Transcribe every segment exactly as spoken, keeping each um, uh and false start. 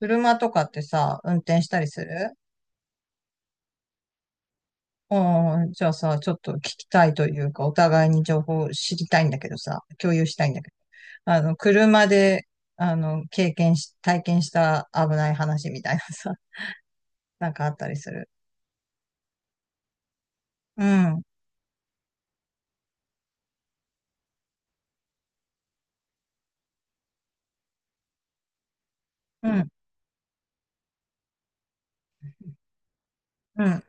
車とかってさ、運転したりする？うん、じゃあさ、ちょっと聞きたいというか、お互いに情報を知りたいんだけどさ、共有したいんだけど、あの、車で、あの、経験し、体験した危ない話みたいなさ、なんかあったりする？うん、うん、うん、うん、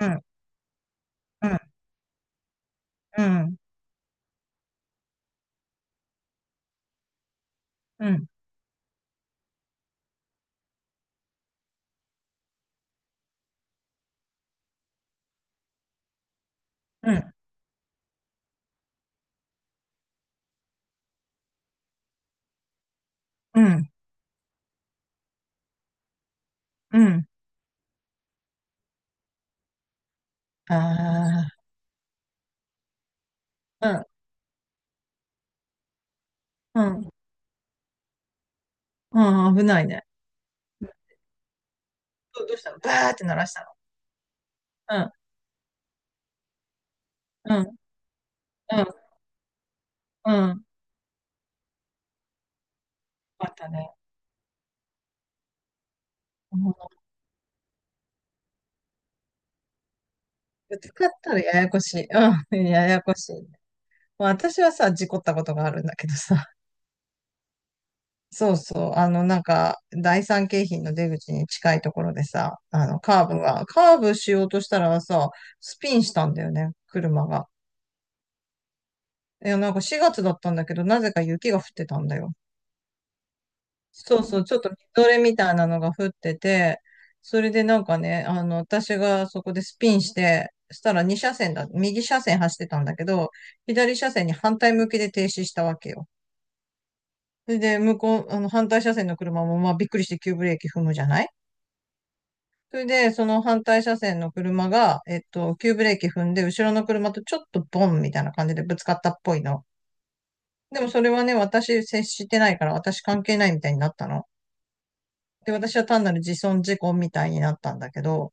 うん、うん、うん、うん、うん、うん。ああ、うん、うん、うん、危ないね。どうどうしたの？バーって鳴らしたの？うん、うん、うん、うん。あったね。使ったらややこしい。うん、ややこしい。まあ、私はさ、事故ったことがあるんだけどさ、そうそう、あの、なんか、第三京浜の出口に近いところでさ、あの、カーブが、カーブしようとしたらさ、スピンしたんだよね、車が。いや、なんかしがつだったんだけど、なぜか雪が降ってたんだよ。そうそう、ちょっとみぞれみたいなのが降ってて、それでなんかね、あの、私がそこでスピンして、したらに車線だ、右車線走ってたんだけど、左車線に反対向きで停止したわけよ。それで、向こう、あの、反対車線の車も、まあ、びっくりして急ブレーキ踏むじゃない。それで、その反対車線の車が、えっと、急ブレーキ踏んで、後ろの車とちょっとボンみたいな感じでぶつかったっぽいの。でもそれはね、私接してないから、私関係ないみたいになったの。で、私は単なる自損事故みたいになったんだけど、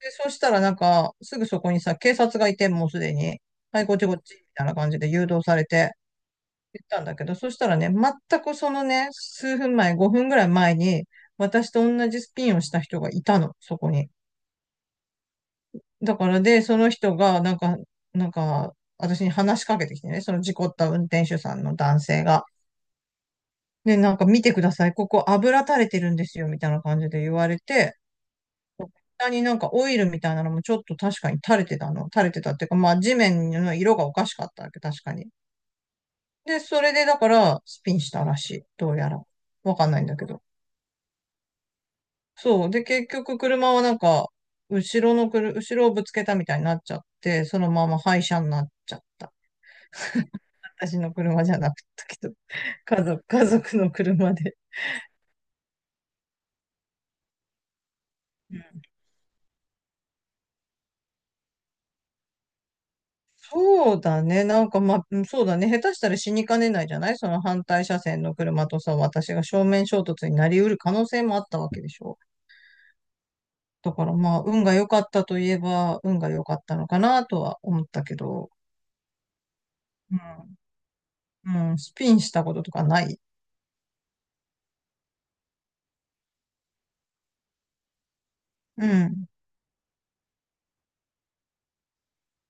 で、そしたらなんか、すぐそこにさ、警察がいて、もうすでに、はい、こっちこっち、みたいな感じで誘導されて、行ったんだけど、そしたらね、全くそのね、数分前、ごふんぐらい前に、私と同じスピンをした人がいたの、そこに。だからで、その人が、なんか、なんか、私に話しかけてきてね、その事故った運転手さんの男性が。で、なんか見てください、ここ油垂れてるんですよ、みたいな感じで言われて、下になんかオイルみたいなのもちょっと確かに垂れてたの。垂れてたっていうか、まあ地面の色がおかしかったわけ、確かに。で、それでだからスピンしたらしい。どうやら。わかんないんだけど。そう。で、結局車はなんか、後ろのくる後ろをぶつけたみたいになっちゃって、そのまま廃車になっちゃった。私の車じゃなかったけど、家族、家族の車で。そうだね。なんか、まあ、うんそうだね。下手したら死にかねないじゃない。その反対車線の車とさ、私が正面衝突になりうる可能性もあったわけでしょ。だからまあ、運が良かったといえば、運が良かったのかなとは思ったけど、うん。うん、スピンしたこととかない？うん。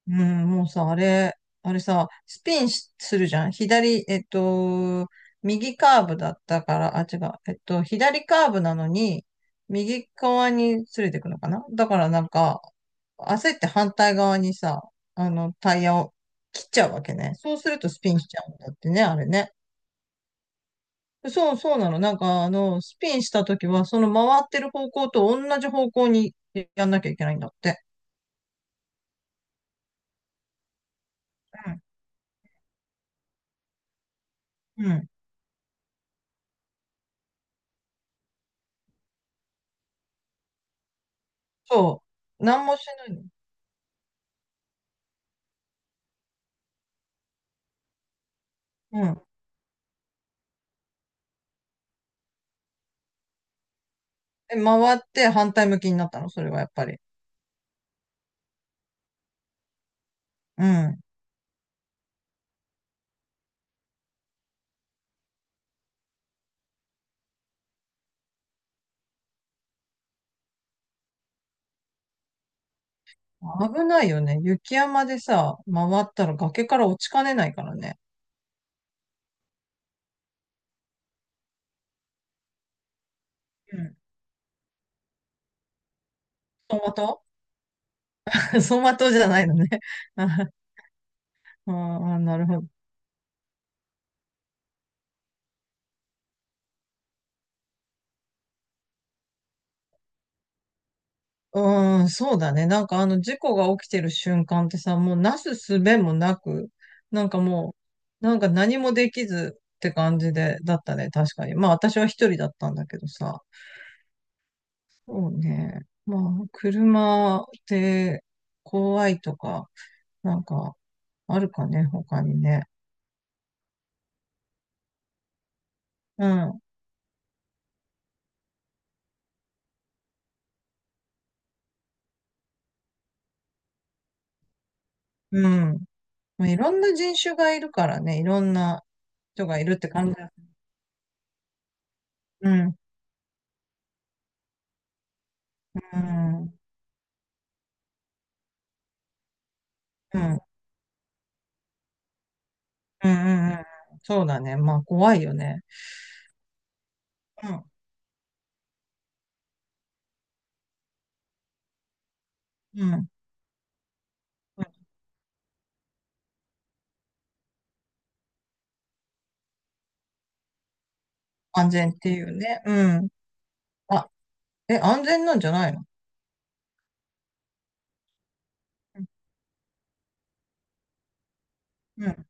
うん、もうさ、あれ、あれさ、スピンしするじゃん。左、えっと、右カーブだったから、あ、違う、えっと、左カーブなのに、右側に連れてくのかな。だからなんか、焦って反対側にさ、あの、タイヤを切っちゃうわけね。そうするとスピンしちゃうんだってね、あれね。そう、そうなの。なんか、あの、スピンした時は、その回ってる方向と同じ方向にやんなきゃいけないんだって。うん。うん。そう。なんもしないの？え、回って反対向きになったの、それはやっぱり？うん。危ないよね。雪山でさ、回ったら崖から落ちかねないからね。うん。走馬灯。 走馬灯じゃないのね。ああ、なるほど。うーん、そうだね。なんかあの事故が起きてる瞬間ってさ、もうなすすべもなく、なんかもう、なんか何もできずって感じで、だったね。確かに。まあ私は一人だったんだけどさ。そうね。まあ、車って怖いとか、なんか、あるかね、他にね。うん、うん。まあ、いろんな人種がいるからね、いろんな人がいるって感じだ。うん、うん、うん、うん、うん、うん。そうだね。まあ、怖いよね。うん、うん。うん、安全っていうね。うん。あ、え、安全なんじゃないの？うん。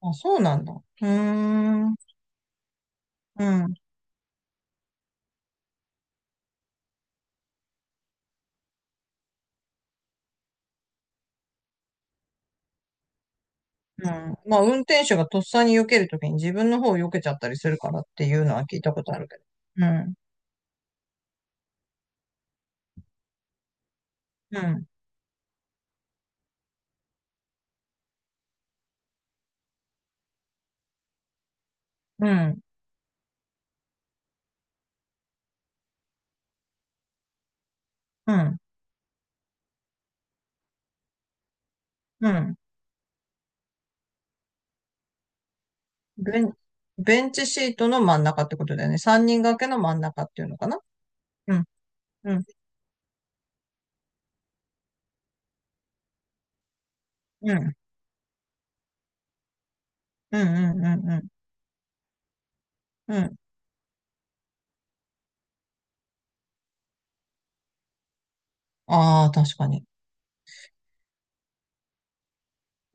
あ、そうなんだ。うーん。うん。うん。まあ、運転手がとっさに避けるときに自分の方を避けちゃったりするからっていうのは聞いたことあるけど。うん。うん。うん。うん。うん。ベン、ベンチシートの真ん中ってことだよね。三人掛けの真ん中っていうのかな？うん、うん、うん、うん、うん、うん、うん。ああ、確かに。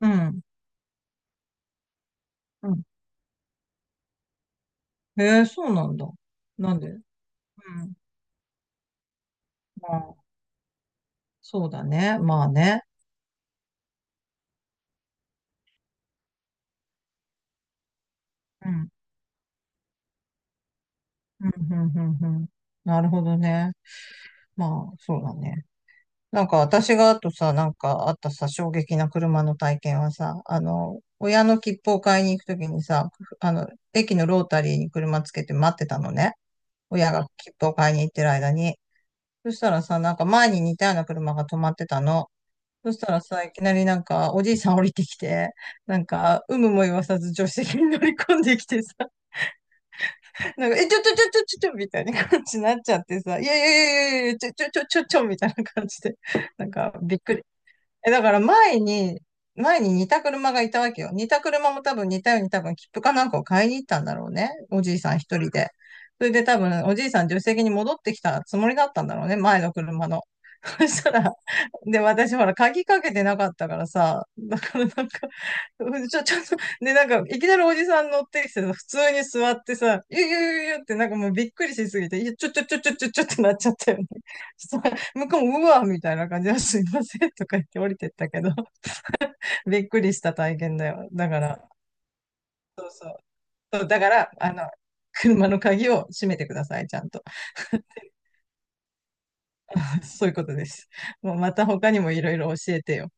うん、うん。へえ、そうなんだ。なんで？うん。まあ、そうだね。まあね。うん、うん、うん、うん。うん、なるほどね。まあ、そうだね。なんか私があとさ、なんかあったさ、衝撃な車の体験はさ、あの、親の切符を買いに行くときにさ、あの、駅のロータリーに車つけて待ってたのね。親が切符を買いに行ってる間に。そしたらさ、なんか前に似たような車が止まってたの。そしたらさ、いきなりなんかおじいさん降りてきて、なんか、有無も言わさず助手席に乗り込んできてさ、なんか、え、ちょちょちょちょちょちょみたいな感じになっちゃってさ、いやいやいやいやいや、ちょちょちょちょちょみたいな感じで、なんかびっくり。え、だから前に、前に似た車がいたわけよ。似た車も多分似たように多分切符かなんかを買いに行ったんだろうね。おじいさん一人で。それで多分おじいさん助手席に戻ってきたつもりだったんだろうね。前の車の。そしたら、で、私ほら鍵かけてなかったからさ、だからなんか、うんちょ、ちょっと、で、なんか、いきなりおじさん乗ってきてさ、普通に座ってさ、ゆゆゆゆってなんかもうびっくりしすぎて、いやちょちょちょちょちょちょってなっちゃったよね。向こうも、うわみたいな感じで、すいませんとか言って降りてったけど、びっくりした体験だよ。だから、そうだから、あの、車の鍵を閉めてください、ちゃんと。そういうことです。もうまた他にもいろいろ教えてよ。